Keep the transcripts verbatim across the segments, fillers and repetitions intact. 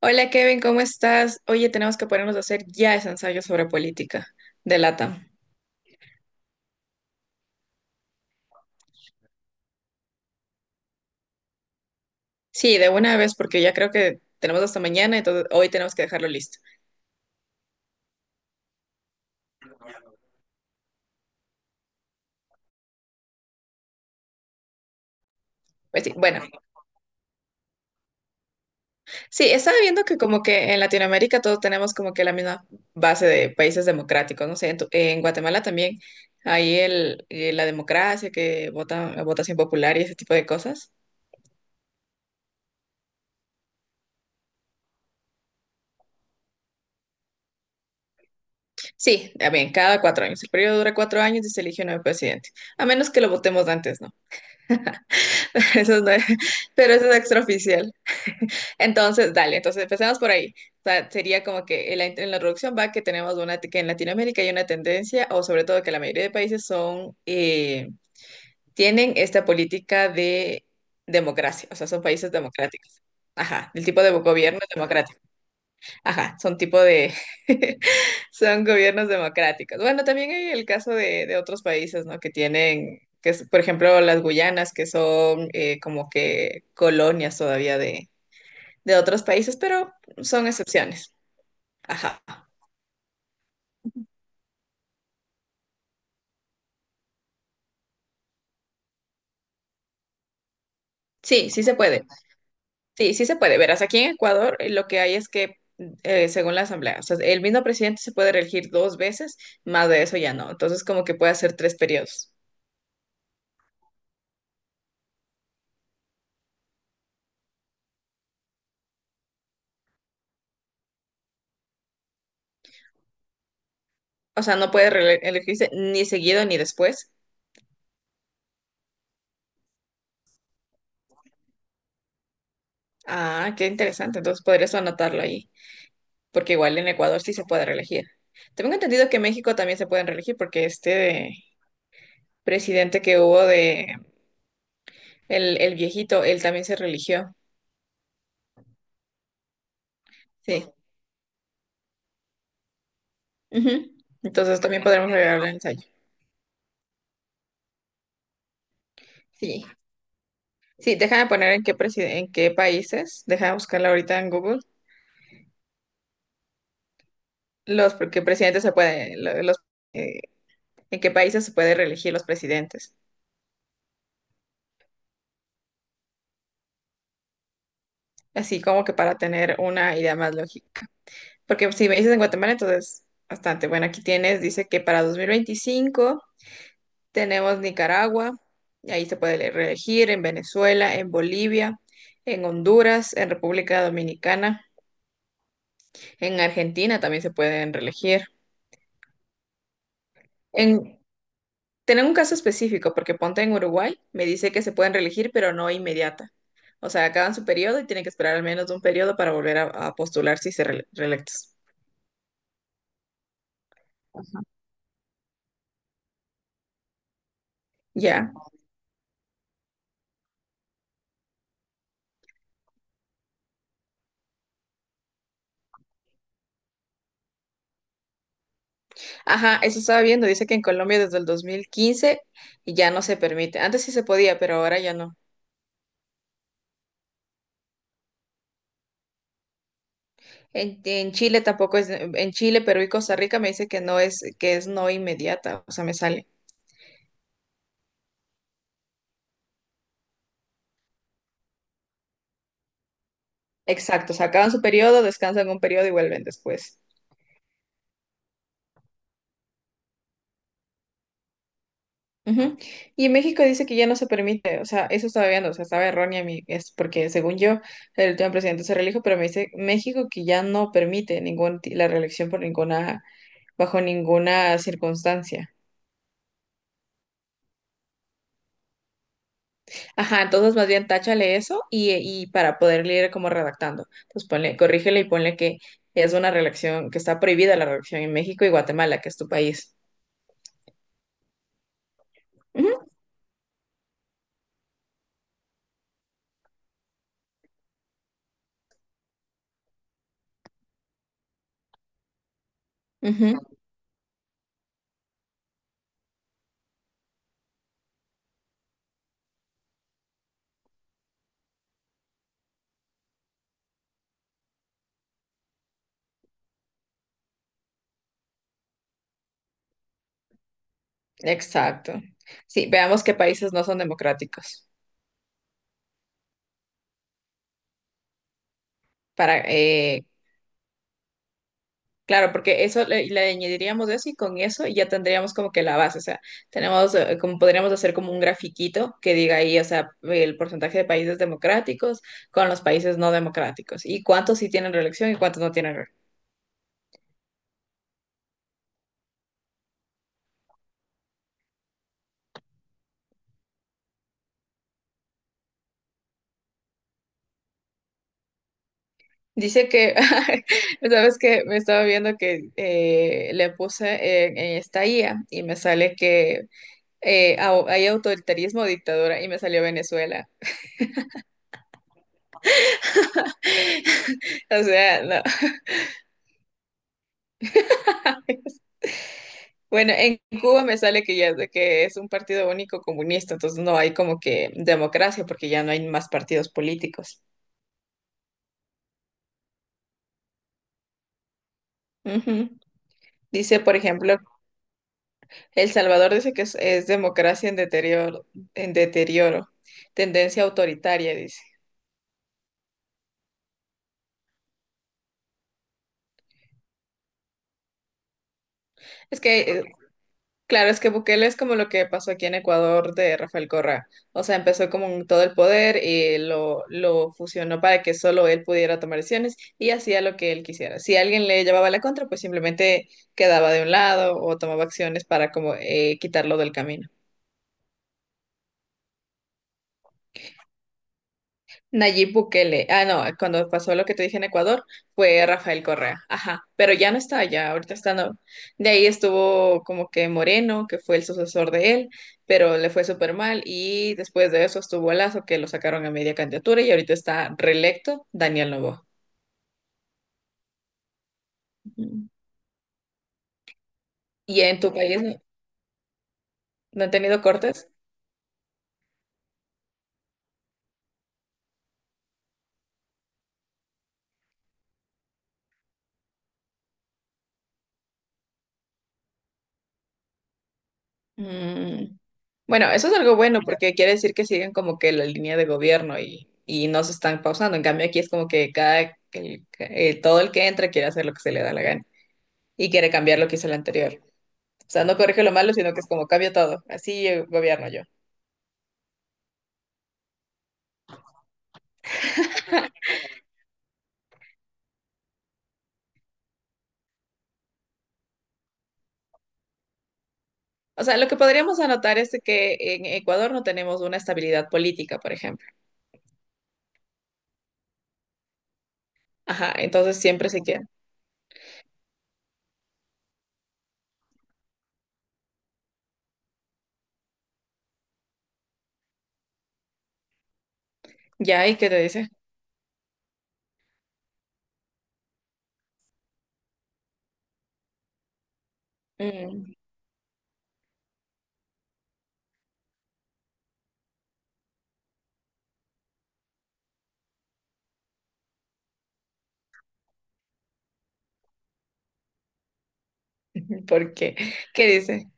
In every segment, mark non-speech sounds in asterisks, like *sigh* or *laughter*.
Hola Kevin, ¿cómo estás? Oye, tenemos que ponernos a hacer ya ese ensayo sobre política de LATAM. Sí, de una vez, porque ya creo que tenemos hasta mañana, entonces hoy tenemos que dejarlo listo. Pues sí, bueno, sí, estaba viendo que como que en Latinoamérica todos tenemos como que la misma base de países democráticos, no sé, en, tu- en Guatemala también hay el, eh, la democracia, que vota, votación popular y ese tipo de cosas. Sí, también, cada cuatro años. El periodo dura cuatro años y se elige un nuevo presidente, a menos que lo votemos antes, ¿no? *laughs* Eso no es- *laughs* pero eso es extraoficial. Entonces, dale, entonces empecemos por ahí. O sea, sería como que en la, en la introducción va que tenemos una, que en Latinoamérica hay una tendencia, o sobre todo que la mayoría de países son, eh, tienen esta política de democracia, o sea, son países democráticos. Ajá, el tipo de gobierno es democrático. Ajá, son tipo de, *laughs* son gobiernos democráticos. Bueno, también hay el caso de, de otros países, ¿no? Que tienen, que es, Por ejemplo, las Guyanas, que son eh, como que colonias todavía de, de otros países, pero son excepciones. Ajá. Sí, sí se puede. Sí, sí se puede. Verás, aquí en Ecuador eh, lo que hay es que, eh, según la Asamblea, o sea, el mismo presidente se puede reelegir dos veces, más de eso ya no. Entonces, como que puede hacer tres periodos. O sea, no puede reele- elegirse ni seguido ni después. Ah, qué interesante. Entonces podrías anotarlo ahí, porque igual en Ecuador sí se puede reelegir. Tengo entendido que en México también se pueden reelegir, porque este presidente que hubo de el, el viejito, él también se religió. Sí. Ujú. Entonces también podremos regalarle el ensayo. Sí. Sí, déjame poner en qué presi- en qué países, déjame buscarla ahorita en Google, los porque presidentes se puede, lo- los eh, en qué países se puede reelegir los presidentes. Así como que para tener una idea más lógica. Porque si me dices en Guatemala, entonces bastante. Bueno, aquí tienes, dice que para dos mil veinticinco tenemos Nicaragua, y ahí se puede le- reelegir, en Venezuela, en Bolivia, en Honduras, en República Dominicana, en Argentina también se pueden reelegir. En, Tener un caso específico, porque ponte en Uruguay, me dice que se pueden reelegir, pero no inmediata. O sea, acaban su periodo y tienen que esperar al menos un periodo para volver a, a postular si se re- reelectos. Ya. Ajá, eso estaba viendo. Dice que en Colombia desde el dos mil quince ya no se permite. Antes sí se podía, pero ahora ya no. En, en Chile tampoco es, en Chile, Perú y Costa Rica me dice que no es, que es no inmediata, o sea, me sale. Exacto, o sea, acaban su periodo, descansan un periodo y vuelven después. Ujú. Y en México dice que ya no se permite, o sea, eso estaba viendo, o sea, estaba errónea mi, es porque según yo, el último presidente se reelijo, pero me dice México que ya no permite ningún, ti- la reelección por ninguna, bajo ninguna circunstancia. Ajá, entonces más bien táchale eso y, y para poder leer como redactando. Entonces ponle, corrígele y ponle que es una relación, que está prohibida la relación en México y Guatemala, que es tu país. Ujú, ujú, exacto. Sí, veamos qué países no son democráticos. Para, eh, claro, porque eso le, le añadiríamos eso y con eso ya tendríamos como que la base. O sea, tenemos, eh, como podríamos hacer como un grafiquito que diga ahí, o sea, el porcentaje de países democráticos con los países no democráticos y cuántos sí tienen reelección y cuántos no tienen. Dice que, *laughs* sabes que me estaba viendo que eh, le puse en, en esta I A y me sale que eh, au- hay autoritarismo, dictadura y me salió Venezuela. *laughs* O sea, no. *laughs* Bueno, en Cuba me sale que ya es de que es un partido único comunista, entonces no hay como que democracia porque ya no hay más partidos políticos. Ujú. Dice, por ejemplo, El Salvador dice que es, es democracia en deterioro, en deterioro, tendencia autoritaria, dice. Es que eh, Claro, es que Bukele es como lo que pasó aquí en Ecuador de Rafael Correa. O sea, empezó con todo el poder y lo, lo fusionó para que solo él pudiera tomar decisiones y hacía lo que él quisiera. Si alguien le llevaba la contra, pues simplemente quedaba de un lado o tomaba acciones para como eh, quitarlo del camino. Nayib Bukele. Ah, no, cuando pasó lo que te dije en Ecuador, fue Rafael Correa. Ajá, pero ya no está allá, ahorita está no. De ahí estuvo como que Moreno, que fue el sucesor de él, pero le fue súper mal. Y después de eso estuvo Lazo, que lo sacaron a media candidatura y ahorita está reelecto Daniel Noboa. Ujú. ¿Y en tu país no, no han tenido cortes? Mm, bueno, eso es algo bueno porque quiere decir que siguen como que la línea de gobierno y, y no se están pausando. En cambio, aquí es como que cada, el- eh, todo el que entra quiere hacer lo que se le da la gana y quiere cambiar lo que hizo el anterior. O sea, no corrige lo malo, sino que es como cambio todo. Así eh, gobierno yo. O sea, lo que podríamos anotar es de que en Ecuador no tenemos una estabilidad política, por ejemplo. Ajá, entonces siempre se quiere. ¿Ya? ¿Y qué te dice? Mm, ¿por qué? ¿Qué dice?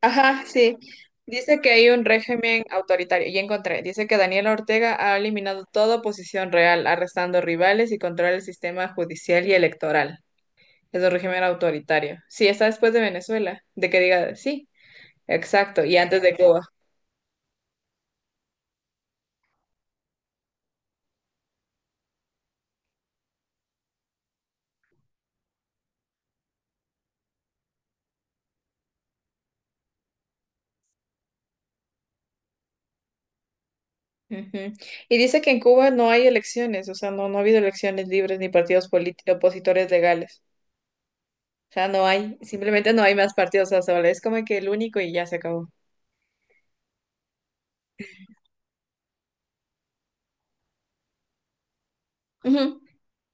Ajá, sí. Dice que hay un régimen autoritario. Ya encontré. Dice que Daniela Ortega ha eliminado toda oposición real, arrestando rivales y controla el sistema judicial y electoral. Es un régimen autoritario. Sí, está después de Venezuela, de que diga sí, exacto, y antes de Cuba. Ujú. Y dice que en Cuba no hay elecciones, o sea, no, no ha habido elecciones libres ni partidos políticos opositores legales. O sea, no hay, simplemente no hay más partidos, o sea, solo es como que el único y ya se acabó. Ujú.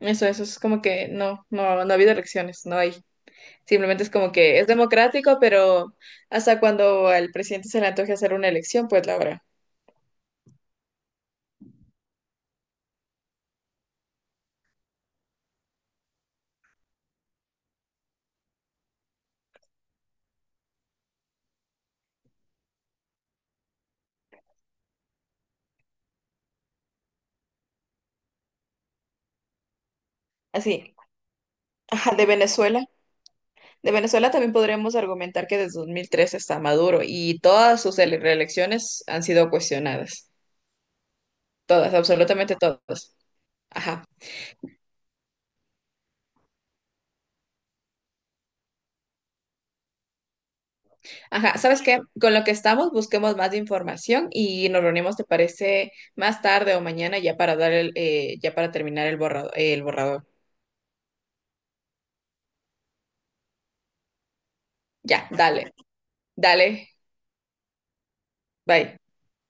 Eso, eso es como que no, no, no ha habido elecciones, no hay. Simplemente es como que es democrático, pero hasta cuando al presidente se le antoje hacer una elección, pues la habrá. Así, ajá, de Venezuela. De Venezuela también podremos argumentar que desde dos mil tres está Maduro y todas sus ele- reelecciones han sido cuestionadas. Todas, absolutamente todas. Ajá. Ajá, ¿sabes qué? Con lo que estamos, busquemos más información y nos reunimos, ¿te parece? Más tarde o mañana ya para dar el, eh, ya para terminar el borrado- el borrador. Ya, dale, dale, bye.